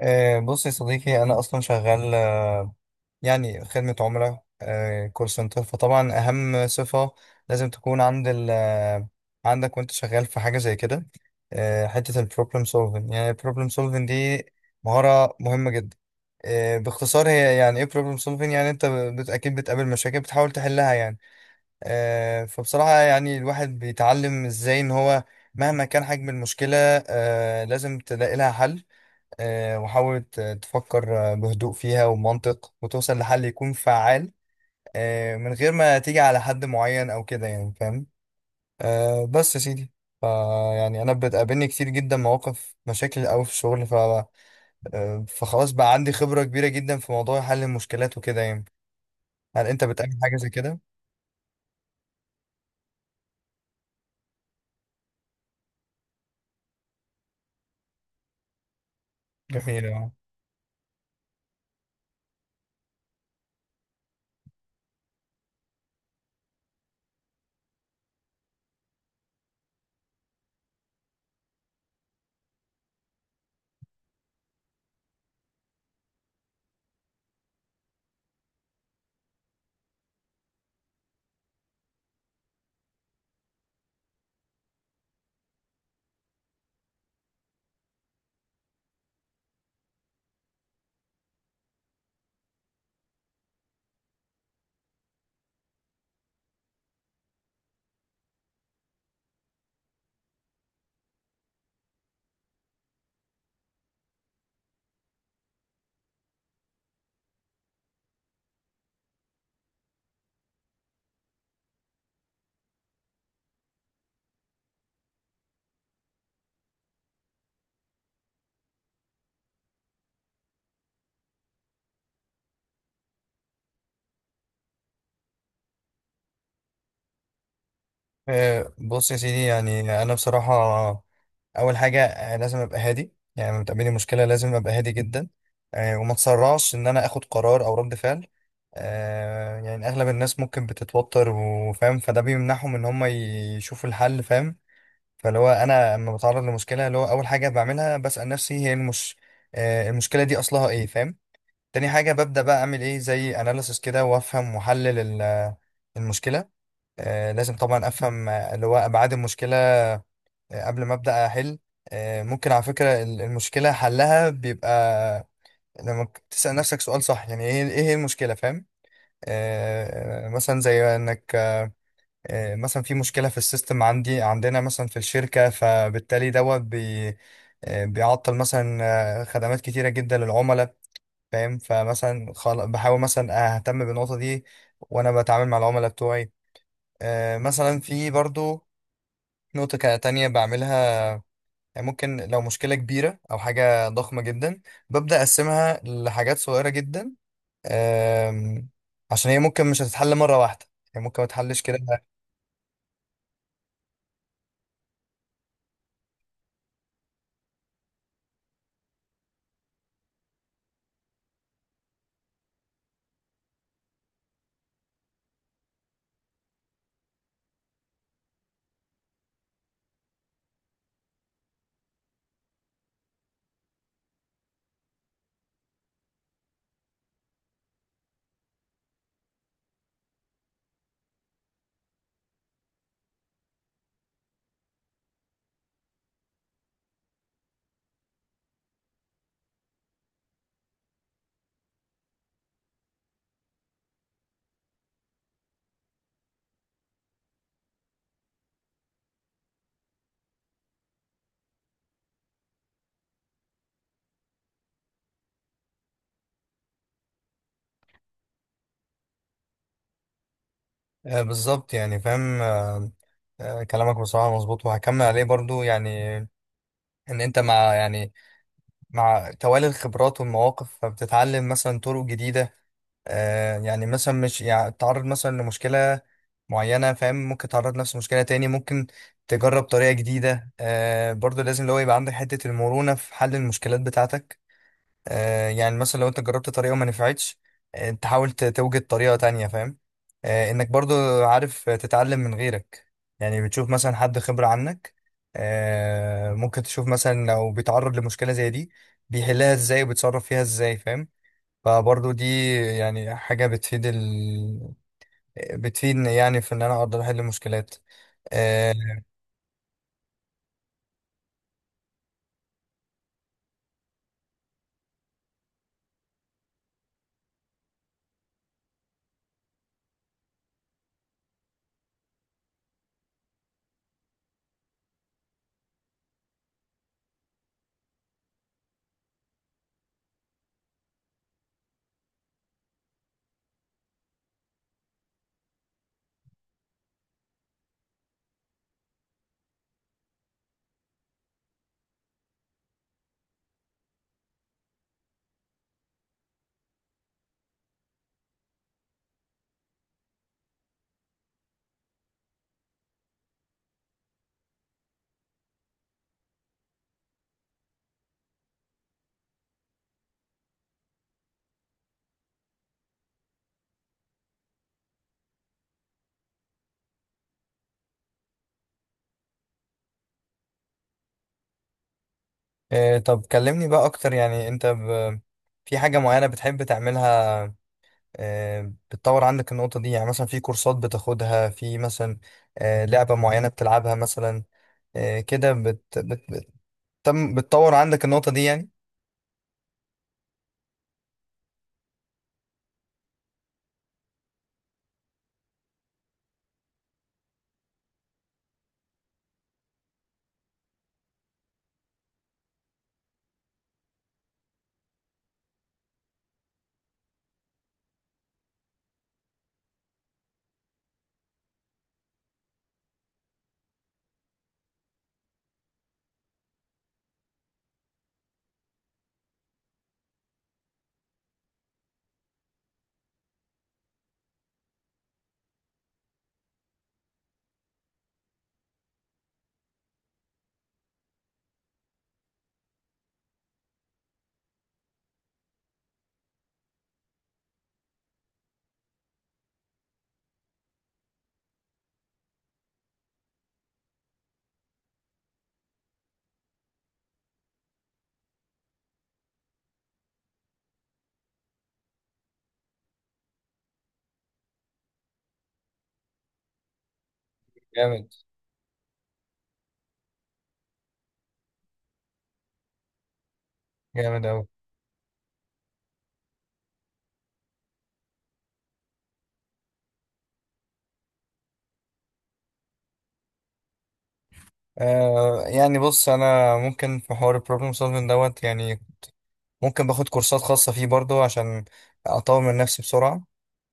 آه، بص يا صديقي، أنا أصلا شغال، يعني خدمة عملاء، كول سنتر. فطبعا أهم صفة لازم تكون عند ال آه، عندك وأنت شغال في حاجة زي كده، حتة البروبلم سولفين. يعني البروبلم سولفين دي مهارة مهمة جدا. باختصار، هي يعني إيه بروبلم سولفين؟ يعني أنت أكيد بتقابل مشاكل بتحاول تحلها يعني. فبصراحة يعني الواحد بيتعلم إزاي إن هو مهما كان حجم المشكلة، لازم تلاقي لها حل. وحاول تفكر بهدوء فيها ومنطق، وتوصل لحل يكون فعال، من غير ما تيجي على حد معين او كده، يعني فاهم. بس يا سيدي، ف- يعني انا بتقابلني كتير جدا مواقف، مشاكل قوي في الشغل، ف آه، فخلاص بقى عندي خبرة كبيرة جدا في موضوع حل المشكلات وكده يعني. هل انت بتقابل حاجة زي كده؟ جميل. آه، بص يا سيدي، يعني انا بصراحه اول حاجه، لازم ابقى هادي. يعني لما تقابلني مشكله لازم ابقى هادي جدا، وما اتسرعش ان انا اخد قرار او رد فعل. يعني اغلب الناس ممكن بتتوتر وفاهم، فده بيمنعهم ان هم يشوفوا الحل، فاهم. فاللي هو انا لما بتعرض لمشكله، اللي هو اول حاجه بعملها بسال نفسي هي المشكله دي اصلها ايه، فاهم. تاني حاجه ببدا بقى اعمل ايه زي اناليسس كده وافهم واحلل المشكله. لازم طبعا افهم، اللي هو ابعاد المشكله، قبل ما ابدا احل. ممكن على فكره المشكله حلها بيبقى لما تسال نفسك سؤال صح. يعني ايه هي المشكله، فاهم. مثلا زي انك، مثلا في مشكله في السيستم عندنا مثلا في الشركه، فبالتالي دوت بي بيعطل مثلا خدمات كتيره جدا للعملاء، فاهم. فمثلا بحاول مثلا اهتم بالنقطه دي وانا بتعامل مع العملاء بتوعي. مثلا في برضو نقطة تانية بعملها. يعني ممكن لو مشكلة كبيرة أو حاجة ضخمة جدا ببدأ أقسمها لحاجات صغيرة جدا، أم، عشان هي ممكن مش هتتحل مرة واحدة، هي ممكن ما تتحلش كده. أه، بالظبط يعني فاهم. أه، كلامك بصراحة مظبوط، وهكمل عليه برضو يعني. إن أنت، مع توالي الخبرات والمواقف فبتتعلم مثلا طرق جديدة. يعني مثلا مش يعني تعرض مثلا لمشكلة معينة، فاهم، ممكن تعرض نفس المشكلة تاني، ممكن تجرب طريقة جديدة. برضو لازم اللي هو يبقى عندك حتة المرونة في حل المشكلات بتاعتك. يعني مثلا لو انت جربت طريقة وما نفعتش، تحاول توجد طريقة تانية، فاهم. انك برضو عارف تتعلم من غيرك. يعني بتشوف مثلا حد خبرة عنك، ممكن تشوف مثلا لو بيتعرض لمشكلة زي دي بيحلها ازاي وبيتصرف فيها ازاي، فاهم. فبرضه دي يعني حاجة بتفيد بتفيدني، يعني في إن أنا أقدر أحل مشكلات. آه طب كلمني بقى أكتر. يعني أنت في حاجة معينة بتحب تعملها؟ بتطور عندك النقطة دي يعني مثلا في كورسات بتاخدها؟ في مثلا لعبة معينة بتلعبها مثلا؟ كده بتطور عندك النقطة دي يعني. جامد. جامد أوي. يعني بص، أنا ممكن في حوار البروبلم سولفنج دوت يعني، ممكن باخد كورسات خاصة فيه برضو عشان أطور من نفسي بسرعة.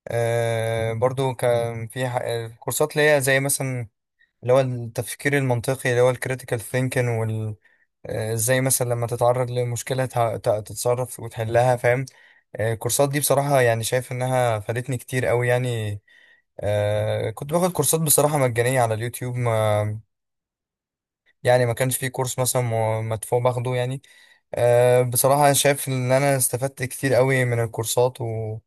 برضو كان في كورسات اللي هي زي مثلا اللي هو التفكير المنطقي، اللي هو الكريتيكال ثينكين، وال آه، ازاي مثلا لما تتعرض لمشكلة تتصرف وتحلها، فاهم. الكورسات دي بصراحة يعني شايف إنها فادتني كتير قوي يعني. كنت باخد كورسات بصراحة مجانية على اليوتيوب، ما يعني ما كانش في كورس مثلا مدفوع باخده يعني. بصراحة أنا شايف إن أنا استفدت كتير قوي من الكورسات،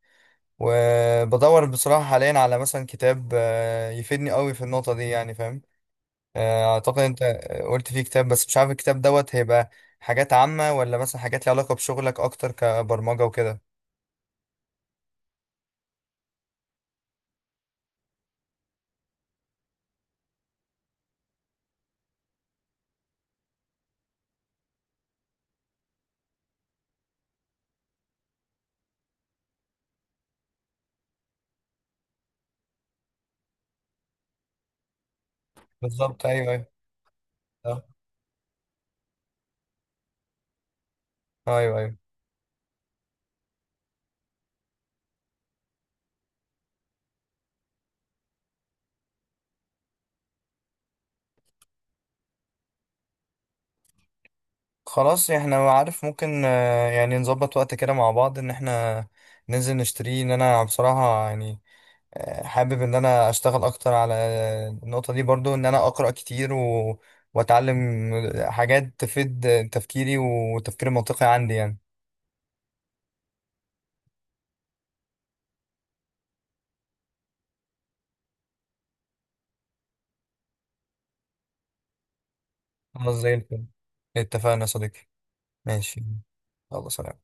وبدور بصراحة حاليا على مثلا كتاب يفيدني قوي في النقطة دي يعني، فاهم. أعتقد أنت قلت فيه كتاب، بس مش عارف الكتاب دوت هيبقى حاجات عامة ولا مثلا حاجات ليها علاقة بشغلك أكتر كبرمجة وكده. بالظبط، أيوه، أيوه. آه، أيوه، أيوه. خلاص، إحنا عارف ممكن، يعني نظبط وقت كده مع بعض، إن إحنا ننزل نشتريه. إن أنا بصراحة يعني حابب ان انا اشتغل اكتر على النقطة دي برضو، ان انا اقرأ كتير واتعلم حاجات تفيد تفكيري والتفكير المنطقي عندي يعني. خلاص، زي الفل. اتفقنا يا صديقي. ماشي. يلا، سلام.